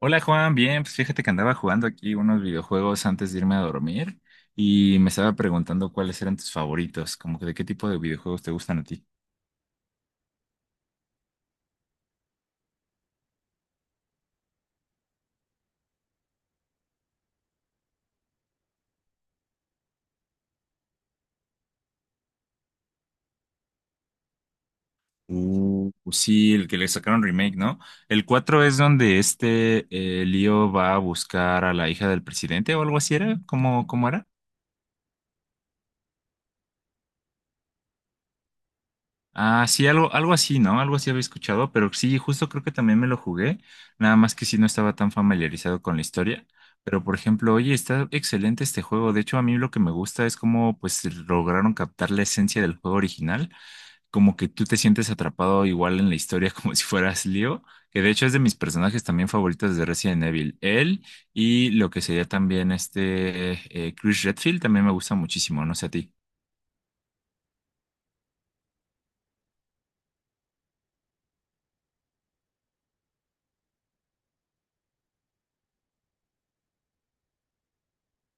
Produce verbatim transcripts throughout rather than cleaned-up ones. Hola Juan, bien, pues fíjate que andaba jugando aquí unos videojuegos antes de irme a dormir y me estaba preguntando cuáles eran tus favoritos, como que de qué tipo de videojuegos te gustan a ti. Uh, pues sí, el que le sacaron remake, ¿no? El cuatro es donde este eh, Leo va a buscar a la hija del presidente o algo así era, ¿cómo, cómo era? Ah, sí, algo, algo así, ¿no? Algo así había escuchado, pero sí, justo creo que también me lo jugué, nada más que sí no estaba tan familiarizado con la historia, pero por ejemplo, oye, está excelente este juego, de hecho a mí lo que me gusta es cómo pues lograron captar la esencia del juego original, como que tú te sientes atrapado igual en la historia como si fueras Leo, que de hecho es de mis personajes también favoritos de Resident Evil, él y lo que sería también este eh, Chris Redfield también me gusta muchísimo, no sé a ti.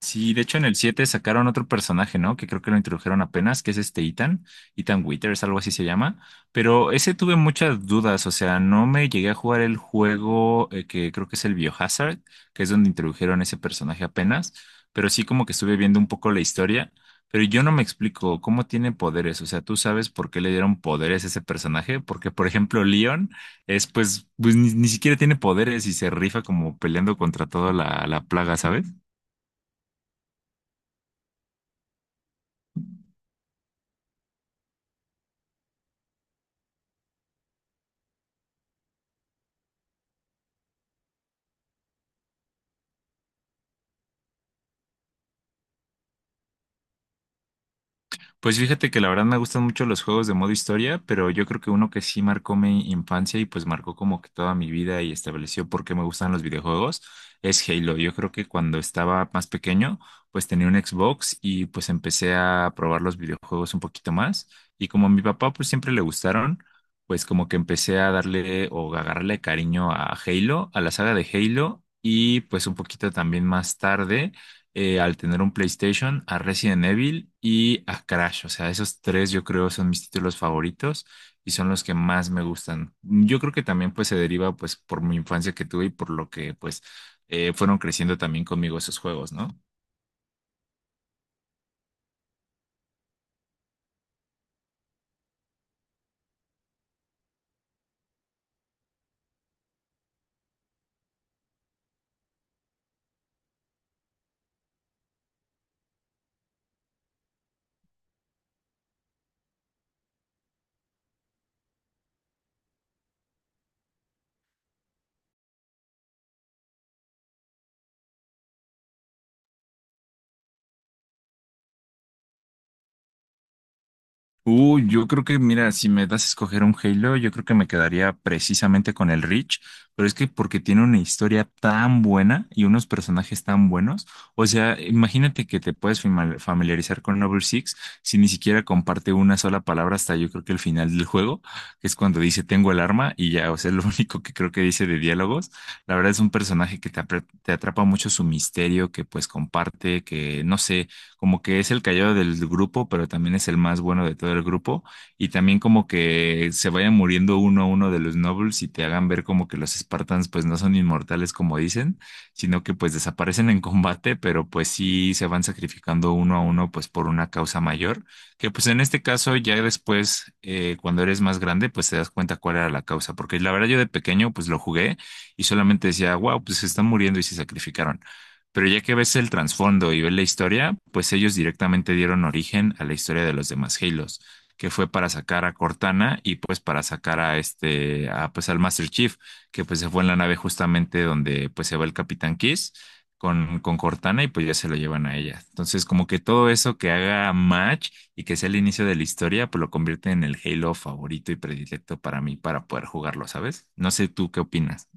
Sí, de hecho en el siete sacaron otro personaje, ¿no? Que creo que lo introdujeron apenas, que es este Ethan, Ethan Withers, algo así se llama. Pero ese tuve muchas dudas, o sea, no me llegué a jugar el juego eh, que creo que es el Biohazard, que es donde introdujeron ese personaje apenas, pero sí como que estuve viendo un poco la historia, pero yo no me explico cómo tiene poderes, o sea, tú sabes por qué le dieron poderes a ese personaje, porque por ejemplo Leon es pues, pues ni, ni siquiera tiene poderes y se rifa como peleando contra toda la, la plaga, ¿sabes? Pues fíjate que la verdad me gustan mucho los juegos de modo historia, pero yo creo que uno que sí marcó mi infancia y pues marcó como que toda mi vida y estableció por qué me gustan los videojuegos es Halo. Yo creo que cuando estaba más pequeño, pues tenía un Xbox y pues empecé a probar los videojuegos un poquito más. Y como a mi papá pues siempre le gustaron, pues como que empecé a darle o a agarrarle cariño a Halo, a la saga de Halo y pues un poquito también más tarde eh, al tener un PlayStation, a Resident Evil y a Crash. O sea, esos tres yo creo son mis títulos favoritos y son los que más me gustan. Yo creo que también pues se deriva pues por mi infancia que tuve y por lo que pues eh, fueron creciendo también conmigo esos juegos, ¿no? Uy, yo creo que, mira, si me das a escoger un Halo, yo creo que me quedaría precisamente con el Reach, pero es que porque tiene una historia tan buena y unos personajes tan buenos, o sea, imagínate que te puedes fima- familiarizar con Noble Six si ni siquiera comparte una sola palabra hasta yo creo que el final del juego, que es cuando dice tengo el arma y ya, o sea, lo único que creo que dice de diálogos, la verdad es un personaje que te, apre- te atrapa mucho su misterio, que pues comparte, que no sé como que es el callado del grupo, pero también es el más bueno de todo el grupo. Y también como que se vayan muriendo uno a uno de los nobles y te hagan ver como que los Spartans pues no son inmortales como dicen, sino que pues desaparecen en combate, pero pues sí se van sacrificando uno a uno pues por una causa mayor, que pues en este caso ya después eh, cuando eres más grande pues te das cuenta cuál era la causa, porque la verdad yo de pequeño pues lo jugué y solamente decía, wow, pues se están muriendo y se sacrificaron, pero ya que ves el trasfondo y ves la historia, pues ellos directamente dieron origen a la historia de los demás Halos, que fue para sacar a Cortana y pues para sacar a este, a, pues al Master Chief, que pues se fue en la nave justamente donde pues se va el Capitán Kiss con, con Cortana y pues ya se lo llevan a ella. Entonces como que todo eso que haga match y que sea el inicio de la historia, pues lo convierte en el Halo favorito y predilecto para mí para poder jugarlo, ¿sabes? No sé tú qué opinas.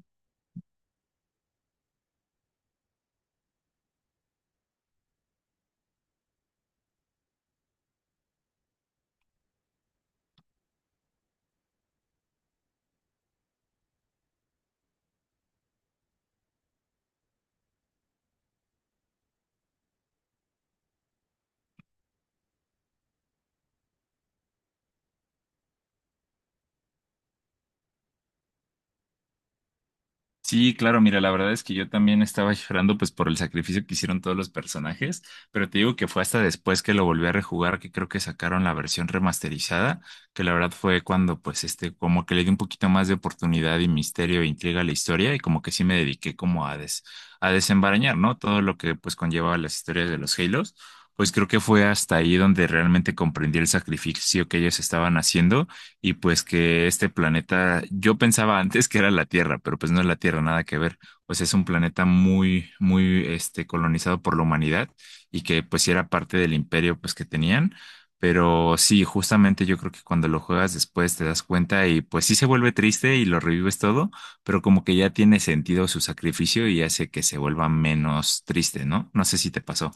Sí, claro, mira, la verdad es que yo también estaba llorando pues por el sacrificio que hicieron todos los personajes, pero te digo que fue hasta después que lo volví a rejugar que creo que sacaron la versión remasterizada, que la verdad fue cuando pues este como que le di un poquito más de oportunidad y misterio e intriga a la historia y como que sí me dediqué como a des- a desembarañar, ¿no? Todo lo que pues conllevaba las historias de los Halos, pues creo que fue hasta ahí donde realmente comprendí el sacrificio que ellos estaban haciendo y pues que este planeta, yo pensaba antes que era la Tierra, pero pues no es la Tierra, nada que ver. Pues es un planeta muy, muy, este, colonizado por la humanidad y que pues sí era parte del imperio pues que tenían. Pero sí, justamente yo creo que cuando lo juegas después te das cuenta y pues sí se vuelve triste y lo revives todo, pero como que ya tiene sentido su sacrificio y hace que se vuelva menos triste, ¿no? No sé si te pasó.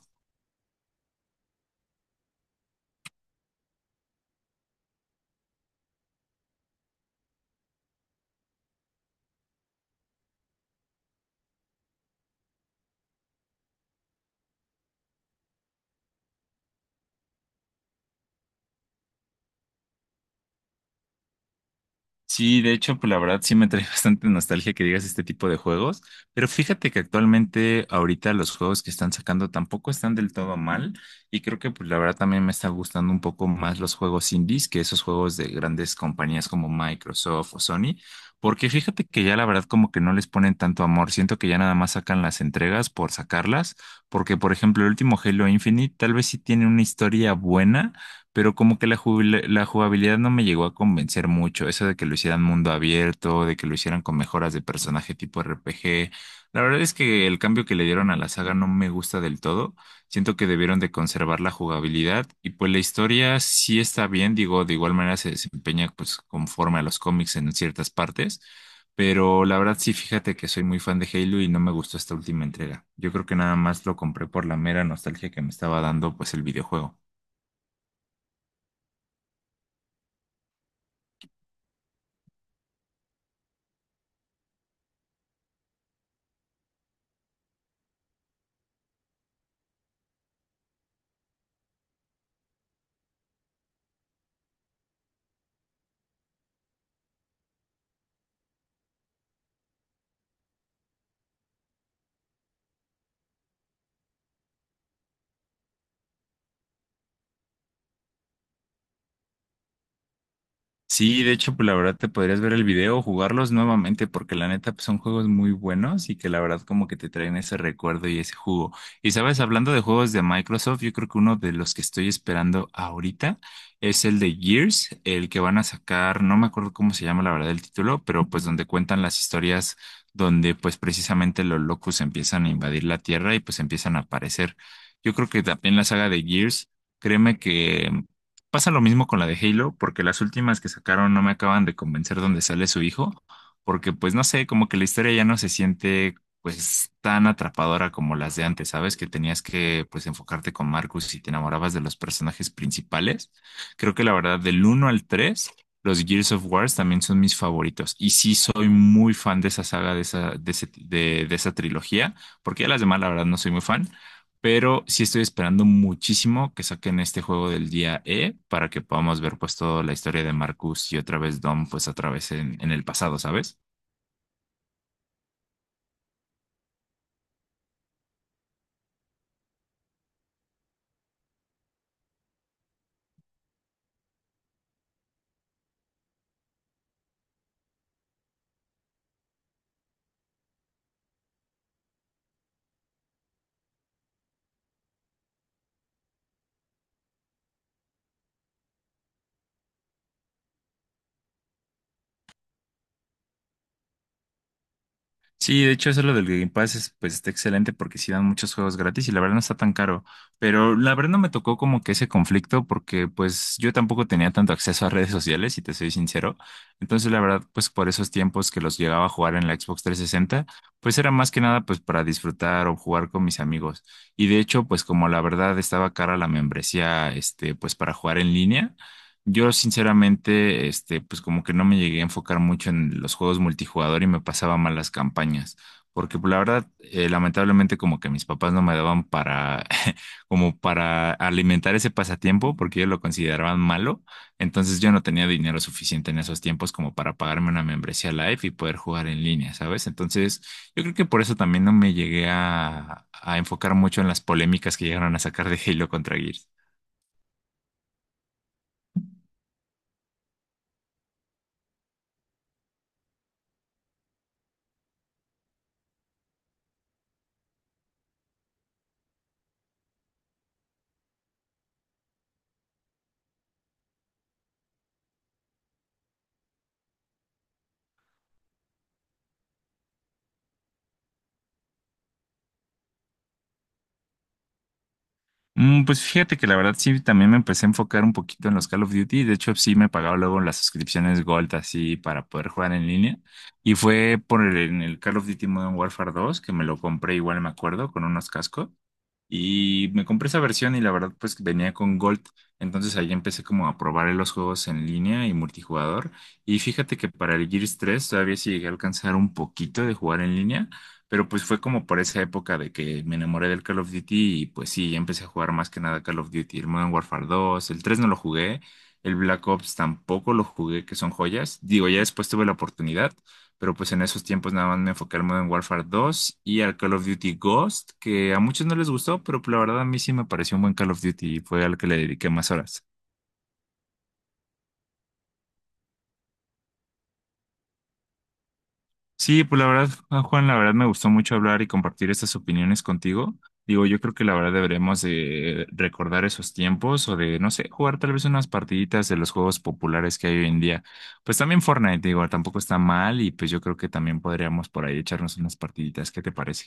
Sí, de hecho, pues la verdad sí me trae bastante nostalgia que digas este tipo de juegos, pero fíjate que actualmente ahorita los juegos que están sacando tampoco están del todo mal y creo que pues la verdad también me está gustando un poco más los juegos indies que esos juegos de grandes compañías como Microsoft o Sony, porque fíjate que ya la verdad como que no les ponen tanto amor, siento que ya nada más sacan las entregas por sacarlas, porque por ejemplo el último Halo Infinite tal vez sí tiene una historia buena, pero como que la, jubila- la jugabilidad no me llegó a convencer mucho. Eso de que lo hicieran mundo abierto, de que lo hicieran con mejoras de personaje tipo R P G. La verdad es que el cambio que le dieron a la saga no me gusta del todo. Siento que debieron de conservar la jugabilidad y pues la historia sí está bien, digo, de igual manera se desempeña pues conforme a los cómics en ciertas partes. Pero la verdad sí, fíjate que soy muy fan de Halo y no me gustó esta última entrega. Yo creo que nada más lo compré por la mera nostalgia que me estaba dando pues el videojuego. Sí, de hecho, pues la verdad te podrías ver el video, jugarlos nuevamente, porque la neta pues, son juegos muy buenos y que la verdad como que te traen ese recuerdo y ese jugo. Y sabes, hablando de juegos de Microsoft, yo creo que uno de los que estoy esperando ahorita es el de Gears, el que van a sacar, no me acuerdo cómo se llama la verdad el título, pero pues donde cuentan las historias donde pues precisamente los locos empiezan a invadir la Tierra y pues empiezan a aparecer. Yo creo que también la saga de Gears. Créeme que pasa lo mismo con la de Halo, porque las últimas que sacaron no me acaban de convencer dónde sale su hijo, porque pues no sé, como que la historia ya no se siente pues tan atrapadora como las de antes, ¿sabes? Que tenías que pues enfocarte con Marcus y te enamorabas de los personajes principales. Creo que la verdad del uno al tres los Gears of Wars también son mis favoritos. Y sí soy muy fan de esa saga, de esa, de ese- de, de esa trilogía, porque ya las demás la verdad no soy muy fan, pero sí estoy esperando muchísimo que saquen este juego del día E para que podamos ver pues toda la historia de Marcus y otra vez Dom pues otra vez en, en el pasado, ¿sabes? Sí, de hecho eso lo del Game Pass es, pues está excelente porque sí dan muchos juegos gratis y la verdad no está tan caro. Pero la verdad no me tocó como que ese conflicto porque pues yo tampoco tenía tanto acceso a redes sociales, si te soy sincero. Entonces la verdad pues por esos tiempos que los llegaba a jugar en la Xbox trescientos sesenta, pues era más que nada pues para disfrutar o jugar con mis amigos. Y de hecho pues como la verdad estaba cara la membresía este pues para jugar en línea. Yo sinceramente, este, pues como que no me llegué a enfocar mucho en los juegos multijugador y me pasaba mal las campañas, porque pues, la verdad, eh, lamentablemente como que mis papás no me daban para, como para alimentar ese pasatiempo, porque ellos lo consideraban malo, entonces yo no tenía dinero suficiente en esos tiempos como para pagarme una membresía Live y poder jugar en línea, ¿sabes? Entonces yo creo que por eso también no me llegué a, a enfocar mucho en las polémicas que llegaron a sacar de Halo contra Gears. Mm, Pues fíjate que la verdad sí, también me empecé a enfocar un poquito en los Call of Duty. De hecho, sí me pagaba luego las suscripciones Gold así para poder jugar en línea. Y fue por el, en el Call of Duty Modern Warfare dos que me lo compré igual, me acuerdo, con unos cascos. Y me compré esa versión y la verdad pues venía con Gold, entonces ahí empecé como a probar los juegos en línea y multijugador. Y fíjate que para el Gears tres todavía sí llegué a alcanzar un poquito de jugar en línea, pero pues fue como por esa época de que me enamoré del Call of Duty y pues sí, ya empecé a jugar más que nada Call of Duty, el Modern Warfare dos, el tres no lo jugué, el Black Ops tampoco lo jugué, que son joyas. Digo, ya después tuve la oportunidad. Pero pues en esos tiempos nada más me enfoqué al Modern Warfare dos y al Call of Duty Ghost, que a muchos no les gustó, pero pues, la verdad a mí sí me pareció un buen Call of Duty y fue al que le dediqué más horas. Sí, pues la verdad, ah, Juan, la verdad me gustó mucho hablar y compartir estas opiniones contigo. Digo, yo creo que la verdad deberíamos de recordar esos tiempos o de, no sé, jugar tal vez unas partiditas de los juegos populares que hay hoy en día. Pues también Fortnite, digo, tampoco está mal y pues yo creo que también podríamos por ahí echarnos unas partiditas. ¿Qué te parece?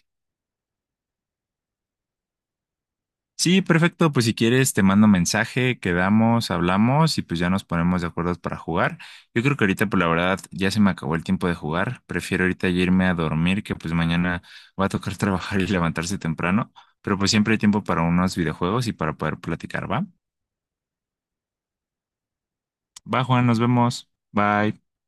Sí, perfecto. Pues si quieres, te mando mensaje, quedamos, hablamos y pues ya nos ponemos de acuerdo para jugar. Yo creo que ahorita, por la verdad, ya se me acabó el tiempo de jugar. Prefiero ahorita ya irme a dormir, que pues mañana va a tocar trabajar y levantarse temprano. Pero pues siempre hay tiempo para unos videojuegos y para poder platicar, ¿va? Va, Juan, nos vemos. Bye.